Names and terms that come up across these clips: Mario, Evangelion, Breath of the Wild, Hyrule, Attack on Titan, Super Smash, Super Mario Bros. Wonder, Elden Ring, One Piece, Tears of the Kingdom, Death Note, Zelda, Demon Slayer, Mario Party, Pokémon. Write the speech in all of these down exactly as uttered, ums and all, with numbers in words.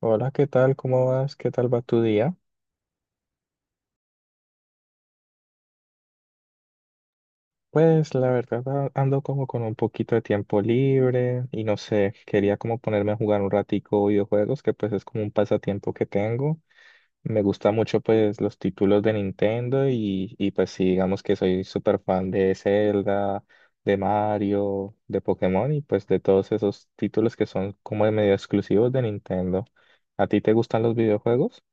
Hola, ¿qué tal? ¿Cómo vas? ¿Qué tal va tu día? Pues la verdad a- ando como con un poquito de tiempo libre y no sé, quería como ponerme a jugar un ratico videojuegos, que pues es como un pasatiempo que tengo. Me gusta mucho pues los títulos de Nintendo y, y pues sí, digamos que soy súper fan de Zelda, de Mario, de Pokémon y pues de todos esos títulos que son como de medio exclusivos de Nintendo. ¿A ti te gustan los videojuegos?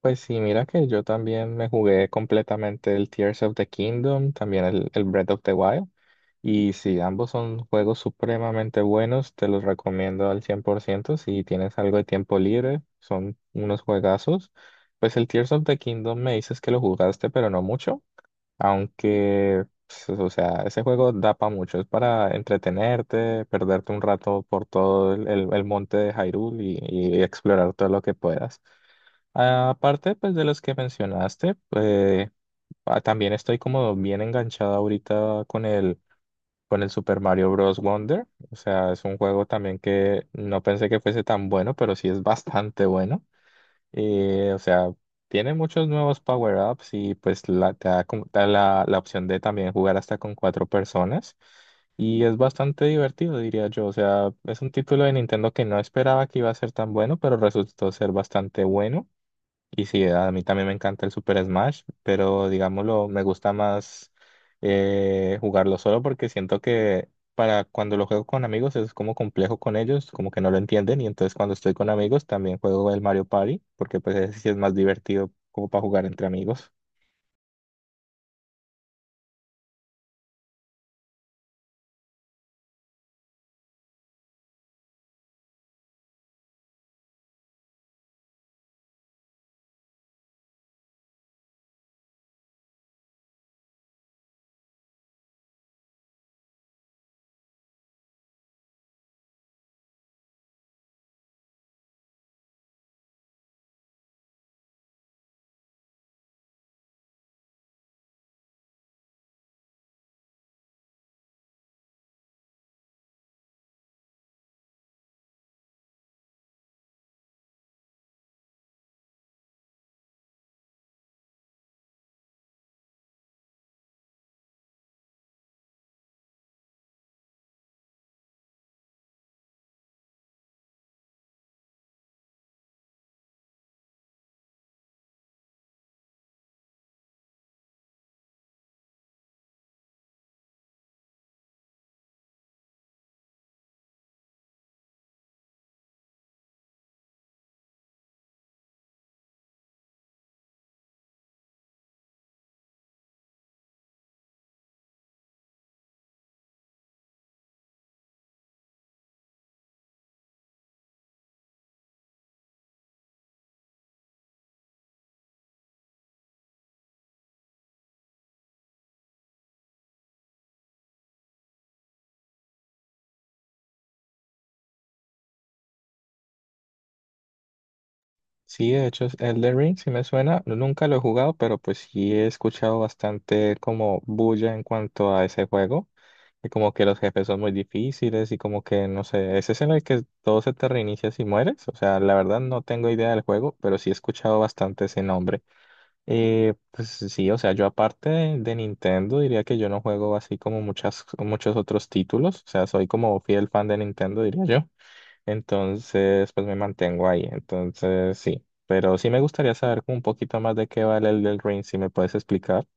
Pues sí, mira que yo también me jugué completamente el Tears of the Kingdom, también el, el Breath of the Wild. Y sí, ambos son juegos supremamente buenos, te los recomiendo al cien por ciento si tienes algo de tiempo libre, son unos juegazos. Pues el Tears of the Kingdom me dices que lo jugaste, pero no mucho, aunque, pues, o sea, ese juego da para mucho, es para entretenerte, perderte un rato por todo el, el- el monte de Hyrule y y explorar todo lo que puedas. Aparte, pues de los que mencionaste, eh, ah, también estoy como bien enganchada ahorita con el, con el Super Mario Bros. Wonder. O sea, es un juego también que no pensé que fuese tan bueno, pero sí es bastante bueno. Y, o sea, tiene muchos nuevos power-ups y pues la, te da, como- te da la, la opción de también jugar hasta con cuatro personas. Y es bastante divertido, diría yo. O sea, es un título de Nintendo que no esperaba que iba a ser tan bueno, pero resultó ser bastante bueno. Y sí, a mí también me encanta el Super Smash, pero digámoslo, me gusta más eh, jugarlo solo porque siento que para cuando lo juego con amigos es como complejo con ellos, como que no lo entienden y entonces cuando estoy con amigos también juego el Mario Party porque pues ese sí es más divertido como para jugar entre amigos. Sí, de hecho, es Elden Ring sí me suena, no- nunca lo he jugado, pero pues sí he escuchado bastante como bulla en cuanto a ese juego. Y como que los jefes son muy difíciles y como que, no sé, ese es en el que todo se te reinicia si mueres. O sea, la verdad no tengo idea del juego, pero sí he escuchado bastante ese nombre. Eh, pues sí, o sea, yo aparte de, de Nintendo diría que yo no juego así como muchas, muchos otros títulos. O sea, soy como fiel fan de Nintendo, diría yo. Entonces, pues me mantengo ahí. Entonces, sí. Pero sí me gustaría saber como un poquito más de qué vale el del Ring, si me puedes explicar.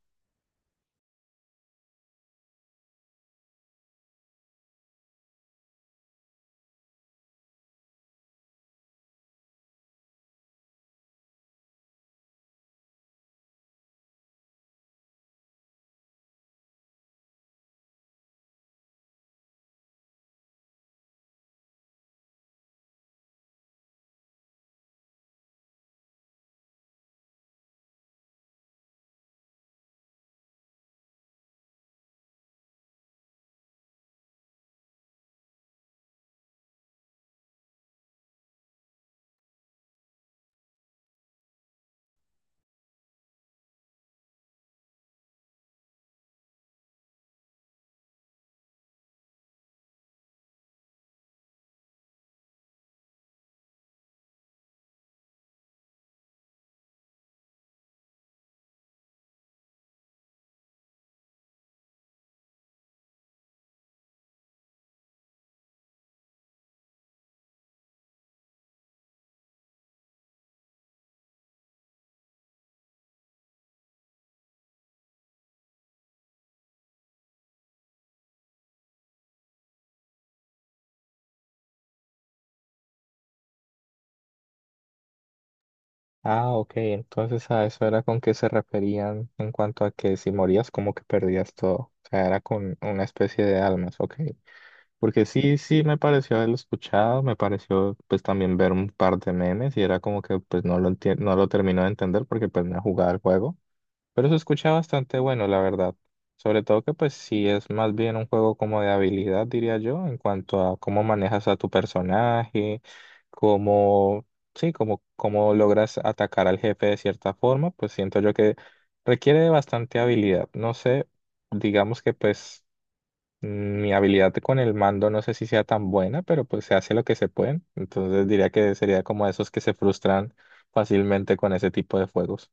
Ah, ok, entonces a eso era con que se referían en cuanto a que si morías como que perdías todo, o sea, era con una especie de almas, ok, porque sí, sí me pareció haberlo escuchado, me pareció pues también ver un par de memes y era como que pues no lo enti- no lo termino de entender porque pues no he jugado el juego. Pero se escucha bastante bueno, la verdad. Sobre todo que pues sí es más bien un juego como de habilidad, diría yo, en cuanto a cómo manejas a tu personaje, cómo, sí, cómo, cómo logras atacar al jefe de cierta forma, pues siento yo que requiere de bastante habilidad. No sé, digamos que pues mm, mi habilidad con el mando no sé si sea tan buena, pero pues se hace lo que se puede. Entonces diría que sería como esos que se frustran fácilmente con ese tipo de juegos.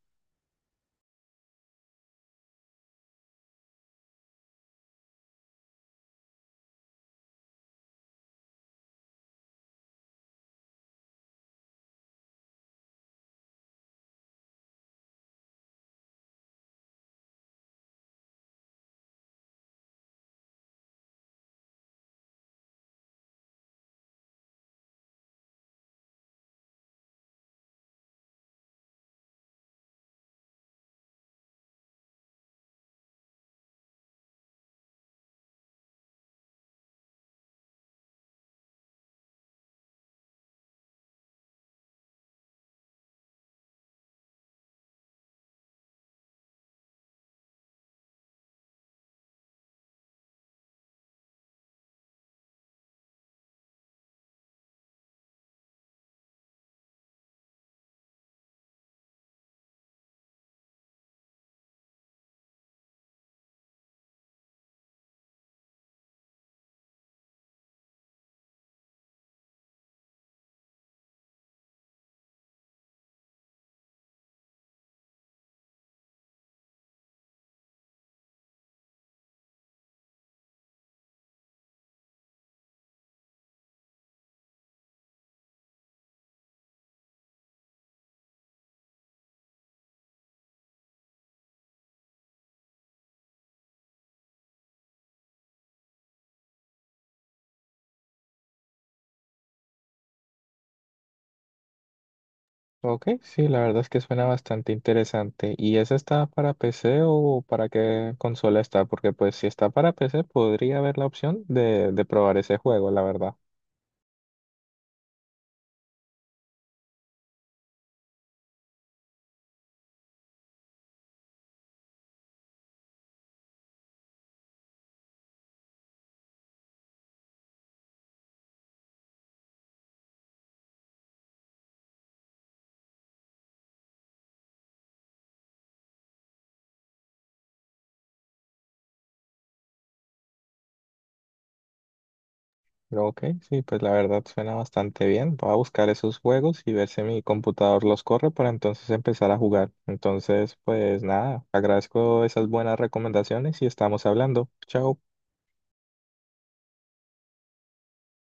Ok, sí, la verdad es que suena bastante interesante. ¿Y esa está para P C o para qué consola está? Porque pues si está para P C podría haber la opción de, de probar ese juego, la verdad. Pero ok, sí, pues la verdad suena bastante bien. Voy a buscar esos juegos y ver si mi computador los corre para entonces empezar a jugar. Entonces, pues nada, agradezco esas buenas recomendaciones y estamos hablando. Chao.